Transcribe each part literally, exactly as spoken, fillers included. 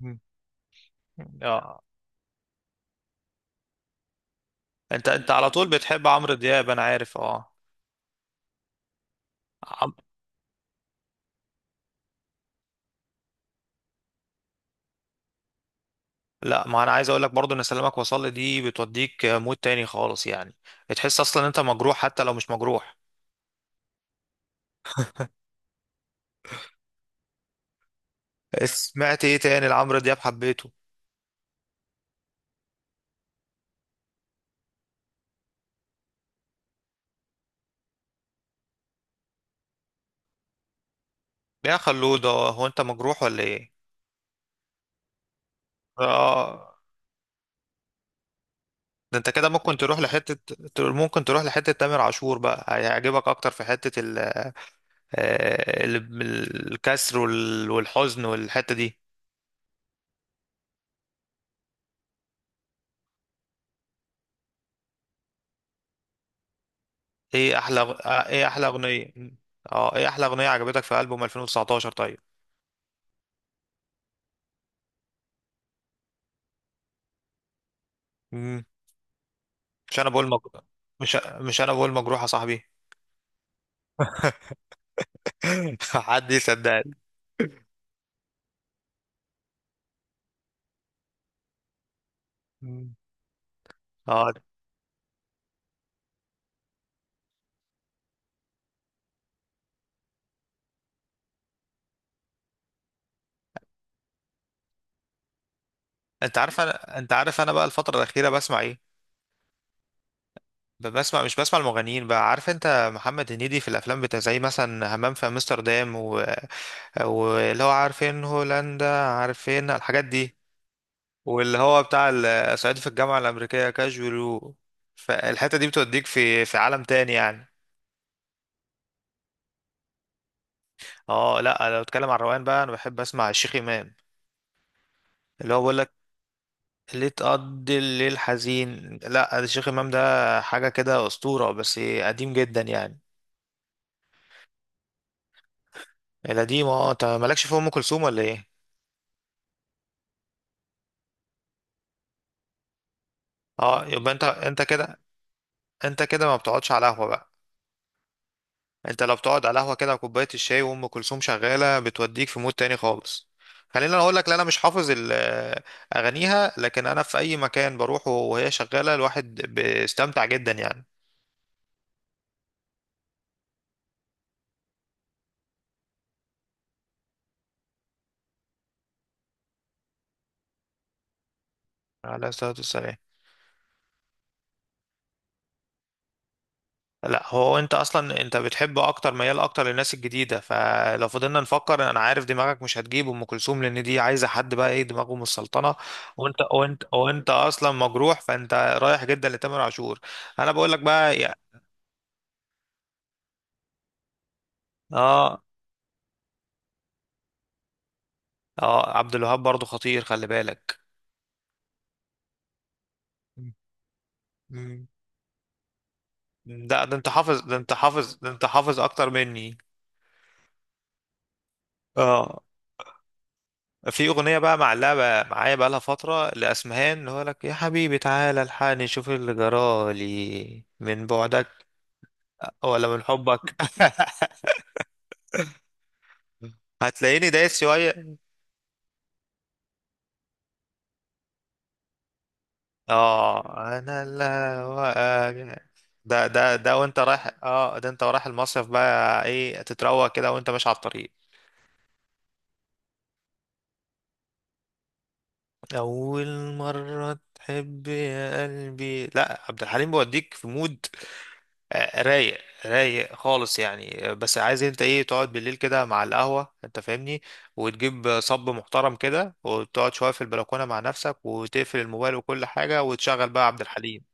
مم. اه. انت انت على طول بتحب عمرو دياب، انا عارف. اه. لا، ما انا عايز اقول لك برضو ان سلامك وصل دي بتوديك مود تاني خالص يعني. بتحس اصلا انت مجروح حتى لو مش مجروح. سمعت ايه تاني لعمرو دياب حبيته؟ يا خلود، هو هو انت مجروح ولا ايه؟ اه. ده انت كده ممكن تروح لحتة ممكن تروح لحتة تامر عاشور بقى هيعجبك اكتر في حتة ال... آه، ال- الكسر وال- والحزن والحتة دي. ايه احلى آه، ايه احلى اغنية؟ اه، ايه احلى اغنية عجبتك في ألبوم ألفين وتسعتاشر؟ طيب. مش انا بقول مجروح. مش مش انا بقول مجروح يا صاحبي. حد يصدقني؟ مم. اه. انت عارف انا انت عارف انا بقى الفتره الاخيره بسمع ايه؟ ب- بسمع، مش بسمع المغنيين بقى. عارف انت محمد هنيدي في الافلام بتاع، زي مثلا همام في امستردام و... واللي هو عارفين هولندا، عارفين الحاجات دي. واللي هو بتاع ال- صعيدي في الجامعه الامريكيه كاجولو. فالحته دي بتوديك في في عالم تاني يعني. اه. لا، لو اتكلم عن الروقان بقى انا بحب اسمع الشيخ امام، اللي هو بيقول ليه تقضي الليل حزين. لا الشيخ امام ده حاجه كده اسطوره، بس قديم جدا يعني. القديم، اه. انت مالكش في ام كلثوم ولا ايه؟ اه، يبقى انت انت كده. انت كده ما بتقعدش على قهوه بقى. انت لو بتقعد على قهوه كده وكوبايه الشاي وام كلثوم شغاله بتوديك في مود تاني خالص. خلينا اقول لك، لا انا مش حافظ ال- آه، اغانيها، لكن انا في اي مكان بروحه وهي شغاله الواحد بيستمتع جدا يعني. على الصلاه والسلام. لا، هو انت اصلا انت بتحب اكتر، ميال اكتر للناس الجديده، فلو فضلنا نفكر انا عارف دماغك مش هتجيب ام كلثوم، لان دي عايزه حد بقى ايه دماغه من السلطنه. وانت وانت وانت اصلا مجروح، فانت رايح جدا لتامر عاشور. انا بقول لك بقى يا... اه. اه، عبد الوهاب برضو خطير، خلي بالك. مم. ده ده انت حافظ، ده انت حافظ، ده انت حافظ اكتر مني. اه، في اغنيه بقى معلقه معايا بقى لها فتره لاسمهان، اللي هو لك يا حبيبي تعالى الحقني شوف اللي جرالي من بعدك. ولا من حبك. هتلاقيني دايس شويه. اه، انا لا وأجل. ده ده ده وانت رايح، اه ده انت رايح المصيف بقى، ايه تتروق كده وانت ماشي على الطريق. اول مره تحب يا قلبي، لا عبد الحليم بيوديك في مود آه، رايق رايق خالص يعني. آه، بس عايز انت ايه؟ تقعد بالليل كده مع القهوة، انت فاهمني؟ وتجيب صب محترم كده، وتقعد شوية في البلكونة مع نفسك، وتقفل الموبايل وكل حاجة، وتشغل بقى عبد الحليم.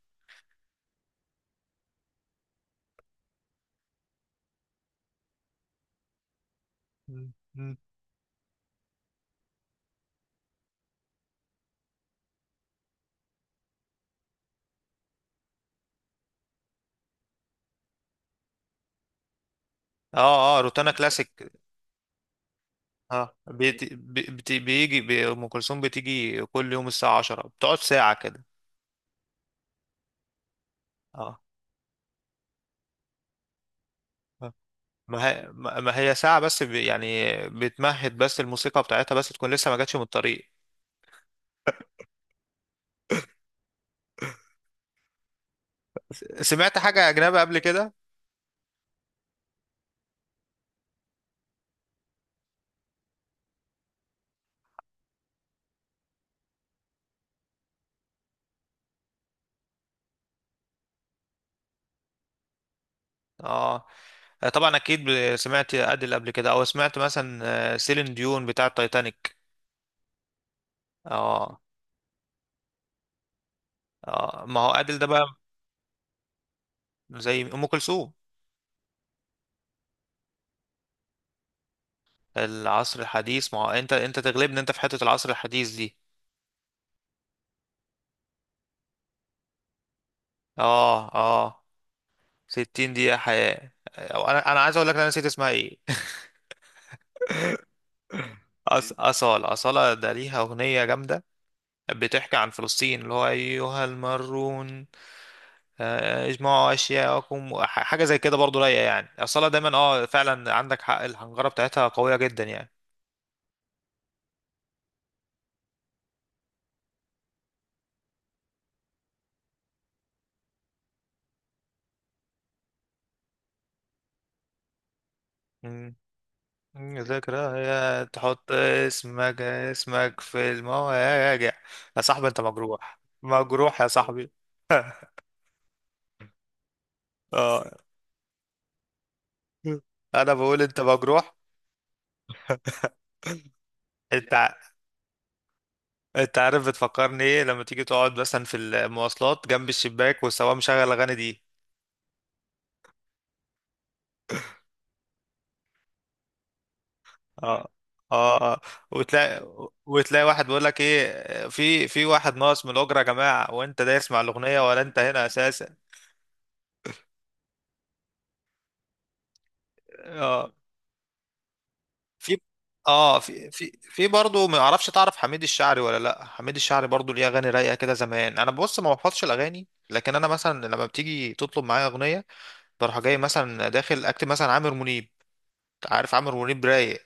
مم. مم. اه. اه، روتانا كلاسيك. اه، بيت بي بي بيجي بي ام كلثوم بتيجي كل يوم الساعة عشرة، بتقعد ساعة كده. اه. آه. ما هي ما ما هي ساعة بس، بي- يعني بتمهد بس، الموسيقى بتاعتها بس تكون لسه ما جاتش من الطريق. س- سمعت حاجة أجنبي قبل كده؟ اه. آه، طبعا اكيد ب- سمعت ادل قبل كده، او سمعت مثلا آه، سيلين ديون بتاع التايتانيك. اه. اه، ما هو ادل ده بقى. زي ام كلثوم. العصر الحديث؟ ما هو انت انت تغلبني، انت في حتة العصر الحديث دي. اه. اه، ستين دقيقة حياة. آه، انا انا عايز اقول لك، انا نسيت اسمها ايه. أص... أصالة أصالة، ده ليها أغنية جامدة بتحكي عن فلسطين، اللي هو أيها المارون آه، اجمعوا اشياءكم. ح- حاجه زي كده برضو رايقه يعني، اصلا دايما. اه، فعلا عندك حق الحنجره بتاعتها قويه جدا يعني. مم. مم، ذكريات، تحط اسمك اسمك في المواجع. يا صاحبي، انت مجروح مجروح يا صاحبي. اه. انا بقول انت مجروح. انت ع- انت عارف بتفكرني ايه؟ لما تيجي تقعد مثلا في المواصلات جنب الشباك والسواق مشغل الاغاني دي. اه. اه. آه. وتلاقي وتلاقي واحد بيقول لك ايه، في في واحد ناقص من الاجره يا جماعه، وانت دايس مع الاغنيه، ولا انت هنا اساسا. اه. في اه في في في برضه، ما اعرفش، تعرف حميد الشاعري ولا لا؟ حميد الشاعري برضه ليه اغاني رايقه كده زمان. انا بص ما بحفظش الاغاني، لكن انا مثلا لما بتيجي تطلب معايا اغنيه بروح جاي مثلا داخل اكتب مثلا عامر منيب. عارف، عامر منيب رايق.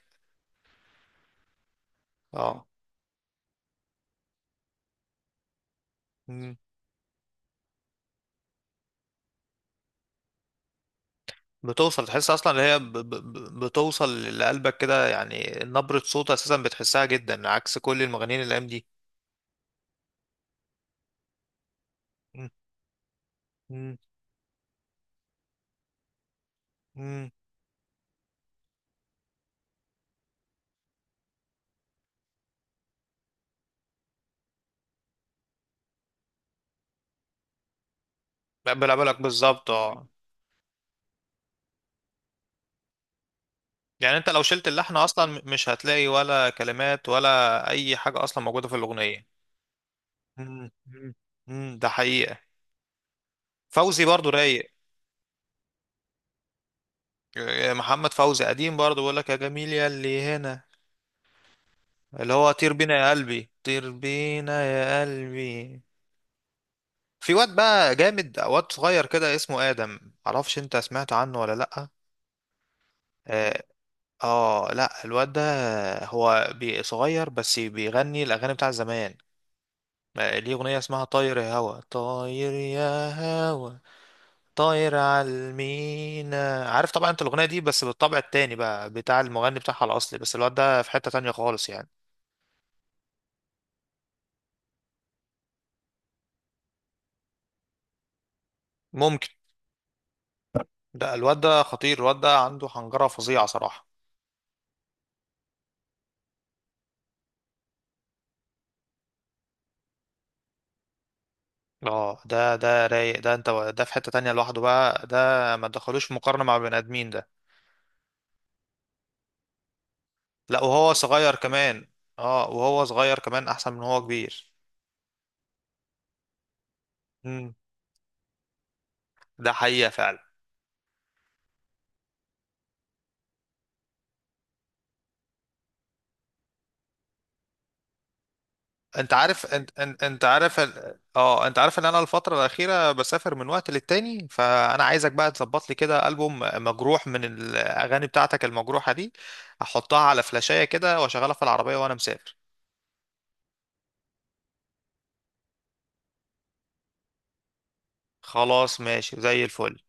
اه، بتوصل، تحس اصلا اللي هي ب... ب... ب- بتوصل لقلبك كده يعني، نبرة صوت اساسا بتحسها جدا عكس كل المغنيين الايام دي. مم، مم، مم. بلا بالك بالظبط، اه. يعني انت لو شلت اللحن اصلا م- مش هتلاقي ولا كلمات ولا اي حاجة اصلا موجودة في الاغنية. مم، مم، مم. ده حقيقة. فوزي برضو رايق. آه، محمد فوزي قديم برضو، بيقول لك يا جميل يا اللي هنا، اللي هو طير بينا يا قلبي، طير بينا يا قلبي. في واد بقى جامد، واد صغير كده اسمه آدم، معرفش انت سمعت عنه ولا لأ. اه. آه، لا الواد ده هو بي- صغير بس بيغني الأغاني بتاع زمان. آه، ليه أغنية اسمها طاير يا هوا، طاير يا هوا، طاير على المينا. عارف طبعا انت الأغنية دي، بس بالطبع التاني بقى بتاع المغني بتاعها الأصلي، بس الواد ده في حتة تانية خالص يعني. ممكن. ده الواد ده خطير، الواد ده عنده حنجرة فظيعة صراحة. اه، ده ده رايق، ده انت ده في حتة تانية لوحده بقى ده. ما تدخلوش في مقارنة مع بني ادمين ده. لا، وهو صغير كمان. اه، وهو صغير كمان احسن من هو كبير. امم. ده حقيقة فعلا. انت عارف، انت انت, انت عارف ال- اه انت عارف ان انا الفترة الأخيرة بسافر من وقت للتاني، فانا عايزك بقى تظبط لي كده ألبوم مجروح من الاغاني بتاعتك المجروحة دي، احطها على فلاشاية كده واشغلها في العربية وانا مسافر. خلاص، ماشي زي الفل.